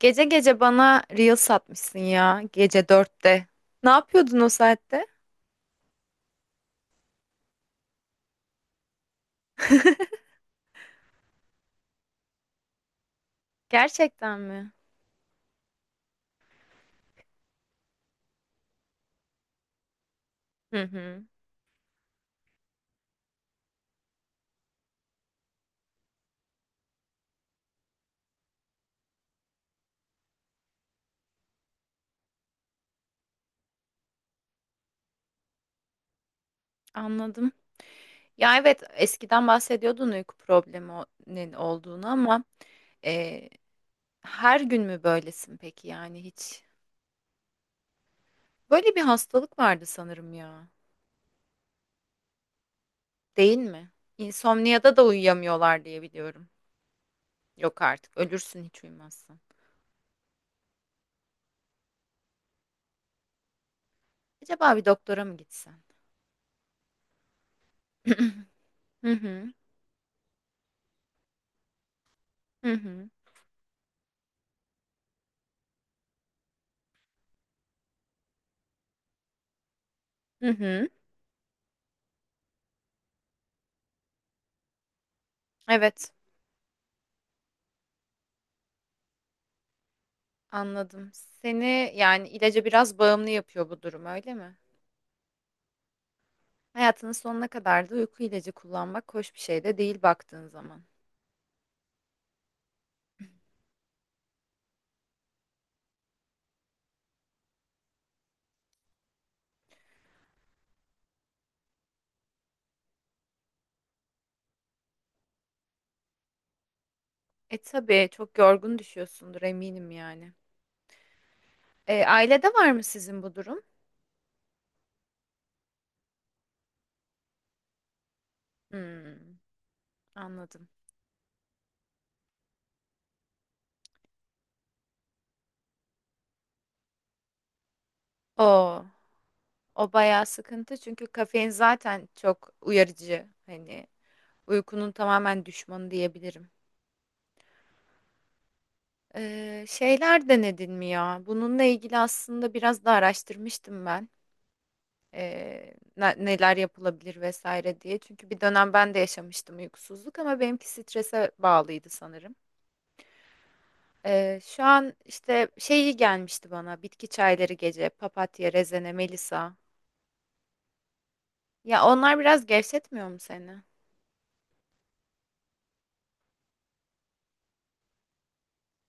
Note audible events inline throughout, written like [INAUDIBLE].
Gece gece bana reel satmışsın ya gece 4'te. Ne yapıyordun o saatte? Gerçekten mi? Hı hı, anladım. Ya evet eskiden bahsediyordun uyku probleminin olduğunu ama e, her gün mü böylesin peki yani hiç? Böyle bir hastalık vardı sanırım ya. Değil mi? İnsomniyada da uyuyamıyorlar diye biliyorum. Yok artık ölürsün hiç uyumazsan. Acaba bir doktora mı gitsen? [CLEARS THROAT] Hı hı, hı hı, hı hı. Evet. Anladım. Seni yani ilaca biraz bağımlı yapıyor bu durum, öyle mi? Hayatının sonuna kadar da uyku ilacı kullanmak hoş bir şey de değil baktığın zaman. E tabii çok yorgun düşüyorsundur eminim yani. E, ailede var mı sizin bu durum? Hmm, anladım. O, o bayağı sıkıntı çünkü kafein zaten çok uyarıcı. Hani uykunun tamamen düşmanı diyebilirim. Şeyler denedin mi ya? Bununla ilgili aslında biraz da araştırmıştım ben. Neler yapılabilir vesaire diye. Çünkü bir dönem ben de yaşamıştım uykusuzluk ama benimki strese bağlıydı sanırım. Şu an işte şeyi gelmişti bana bitki çayları gece papatya, rezene, melisa. Ya onlar biraz gevşetmiyor mu seni?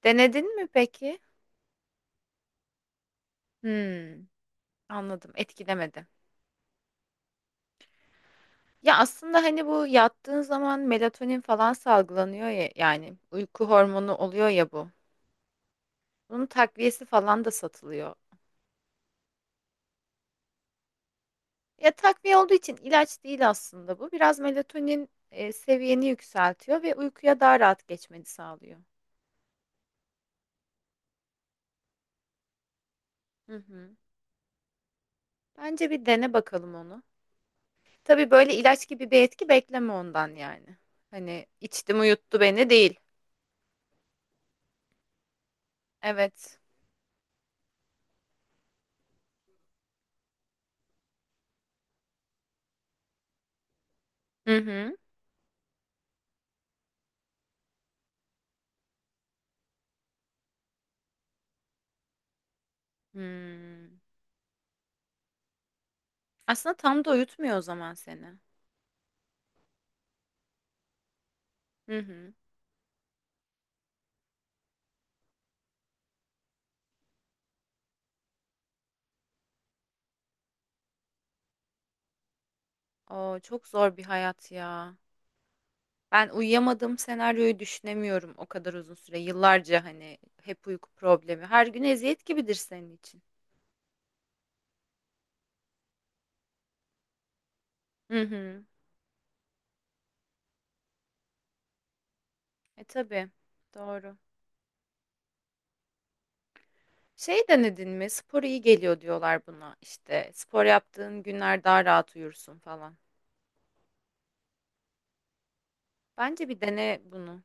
Denedin mi peki? Hmm, anladım etkilemedi. Ya aslında hani bu yattığın zaman melatonin falan salgılanıyor ya yani uyku hormonu oluyor ya bu. Bunun takviyesi falan da satılıyor. Ya takviye olduğu için ilaç değil aslında bu. Biraz melatonin seviyeni yükseltiyor ve uykuya daha rahat geçmeni sağlıyor. Hı hı. Bence bir dene bakalım onu. Tabii böyle ilaç gibi bir etki bekleme ondan yani. Hani içtim uyuttu beni değil. Evet. Hı hı. Hmm. Aslında tam da uyutmuyor o zaman seni. Hı hı. Oo, çok zor bir hayat ya. Ben uyuyamadığım senaryoyu düşünemiyorum o kadar uzun süre. Yıllarca hani hep uyku problemi. Her gün eziyet gibidir senin için. Hı hı. E tabii. Doğru. Şey denedin mi? Spor iyi geliyor diyorlar buna. İşte spor yaptığın günler daha rahat uyursun falan. Bence bir dene bunu.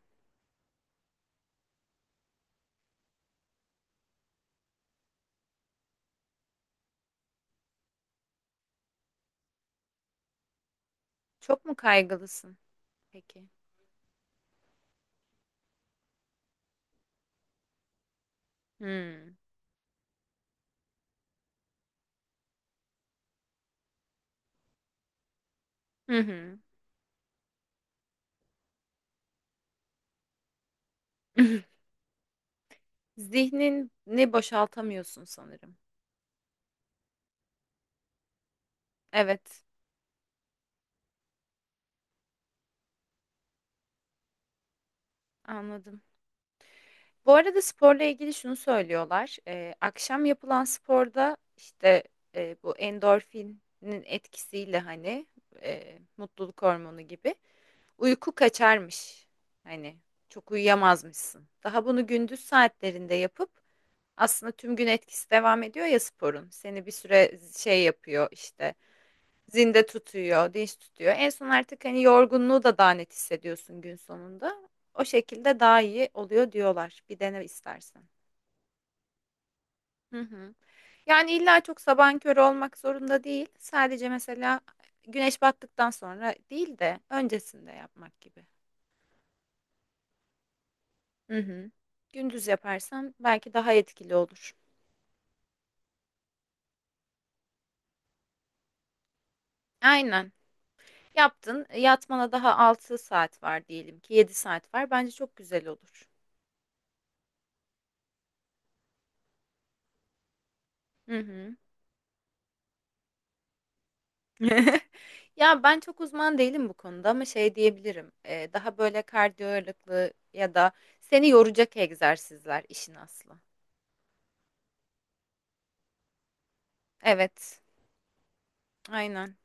Çok mu kaygılısın? Peki. Hmm. Hı hı. [LAUGHS] Zihnini boşaltamıyorsun sanırım. Evet, anladım. Bu arada sporla ilgili şunu söylüyorlar. Akşam yapılan sporda işte bu endorfinin etkisiyle hani mutluluk hormonu gibi. Uyku kaçarmış. Hani çok uyuyamazmışsın. Daha bunu gündüz saatlerinde yapıp aslında tüm gün etkisi devam ediyor ya sporun. Seni bir süre şey yapıyor işte. Zinde tutuyor, dinç tutuyor. En son artık hani yorgunluğu da daha net hissediyorsun gün sonunda. O şekilde daha iyi oluyor diyorlar. Bir dene istersen. Hı hı. Yani illa çok sabahın körü olmak zorunda değil. Sadece mesela güneş battıktan sonra değil de öncesinde yapmak gibi. Hı hı. Gündüz yaparsam belki daha etkili olur. Aynen. Yaptın. Yatmana daha 6 saat var diyelim ki 7 saat var. Bence çok güzel olur. Hı hı. [LAUGHS] Ya ben çok uzman değilim bu konuda ama şey diyebilirim. Daha böyle kardiyo ağırlıklı ya da seni yoracak egzersizler işin aslı. Evet. Aynen.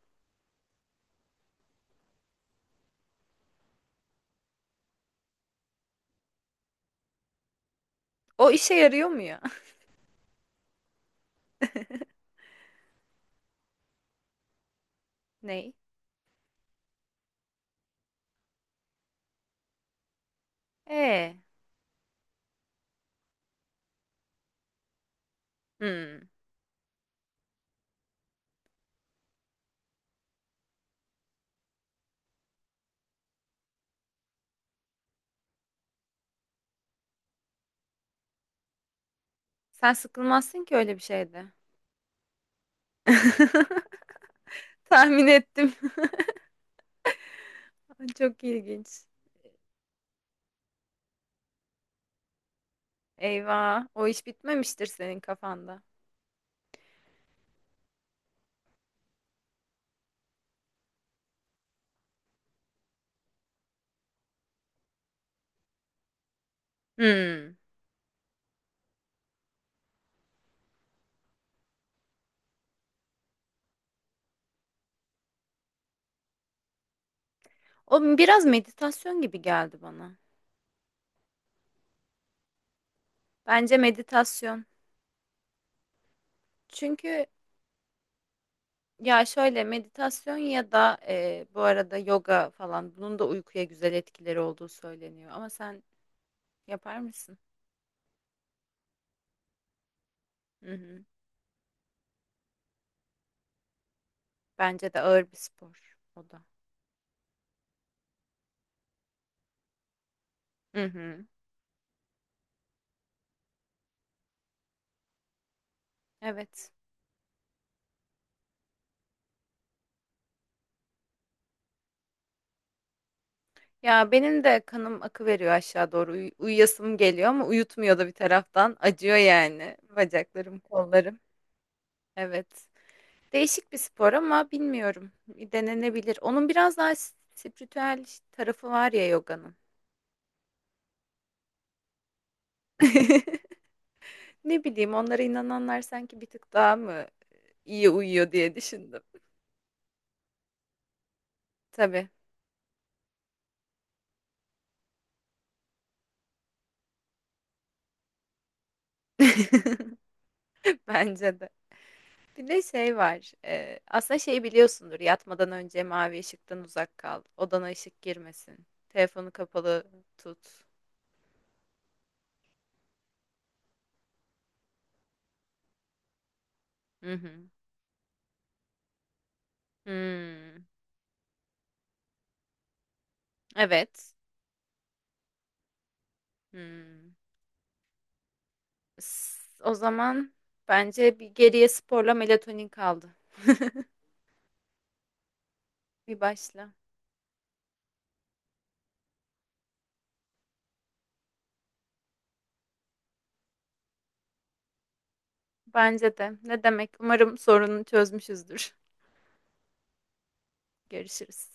O işe yarıyor mu ya? [LAUGHS] Ney? Ee. Hmm. Sen sıkılmazsın ki öyle bir şeyde. [LAUGHS] Tahmin ettim. [LAUGHS] Çok ilginç. Eyvah, o iş bitmemiştir senin kafanda. Hmm. O biraz meditasyon gibi geldi bana. Bence meditasyon. Çünkü ya şöyle meditasyon ya da bu arada yoga falan bunun da uykuya güzel etkileri olduğu söyleniyor. Ama sen yapar mısın? Hı hı. Bence de ağır bir spor o da. Hı hı. Evet. Ya benim de kanım akı veriyor aşağı doğru. Uyuyasım geliyor ama uyutmuyor da bir taraftan. Acıyor yani bacaklarım, kollarım. Evet. Değişik bir spor ama bilmiyorum. Denenebilir. Onun biraz daha spiritüel tarafı var ya yoganın. [LAUGHS] Ne bileyim onlara inananlar sanki bir tık daha mı iyi uyuyor diye düşündüm. Tabii. [LAUGHS] Bence de. Bir de şey var. Aslında şey biliyorsundur. Yatmadan önce mavi ışıktan uzak kal. Odana ışık girmesin. Telefonu kapalı tut. Hı hı. Hmm, evet. Hmm. O zaman bence bir geriye sporla melatonin kaldı. Bir başla. Bence de. Ne demek? Umarım sorunu çözmüşüzdür. Görüşürüz.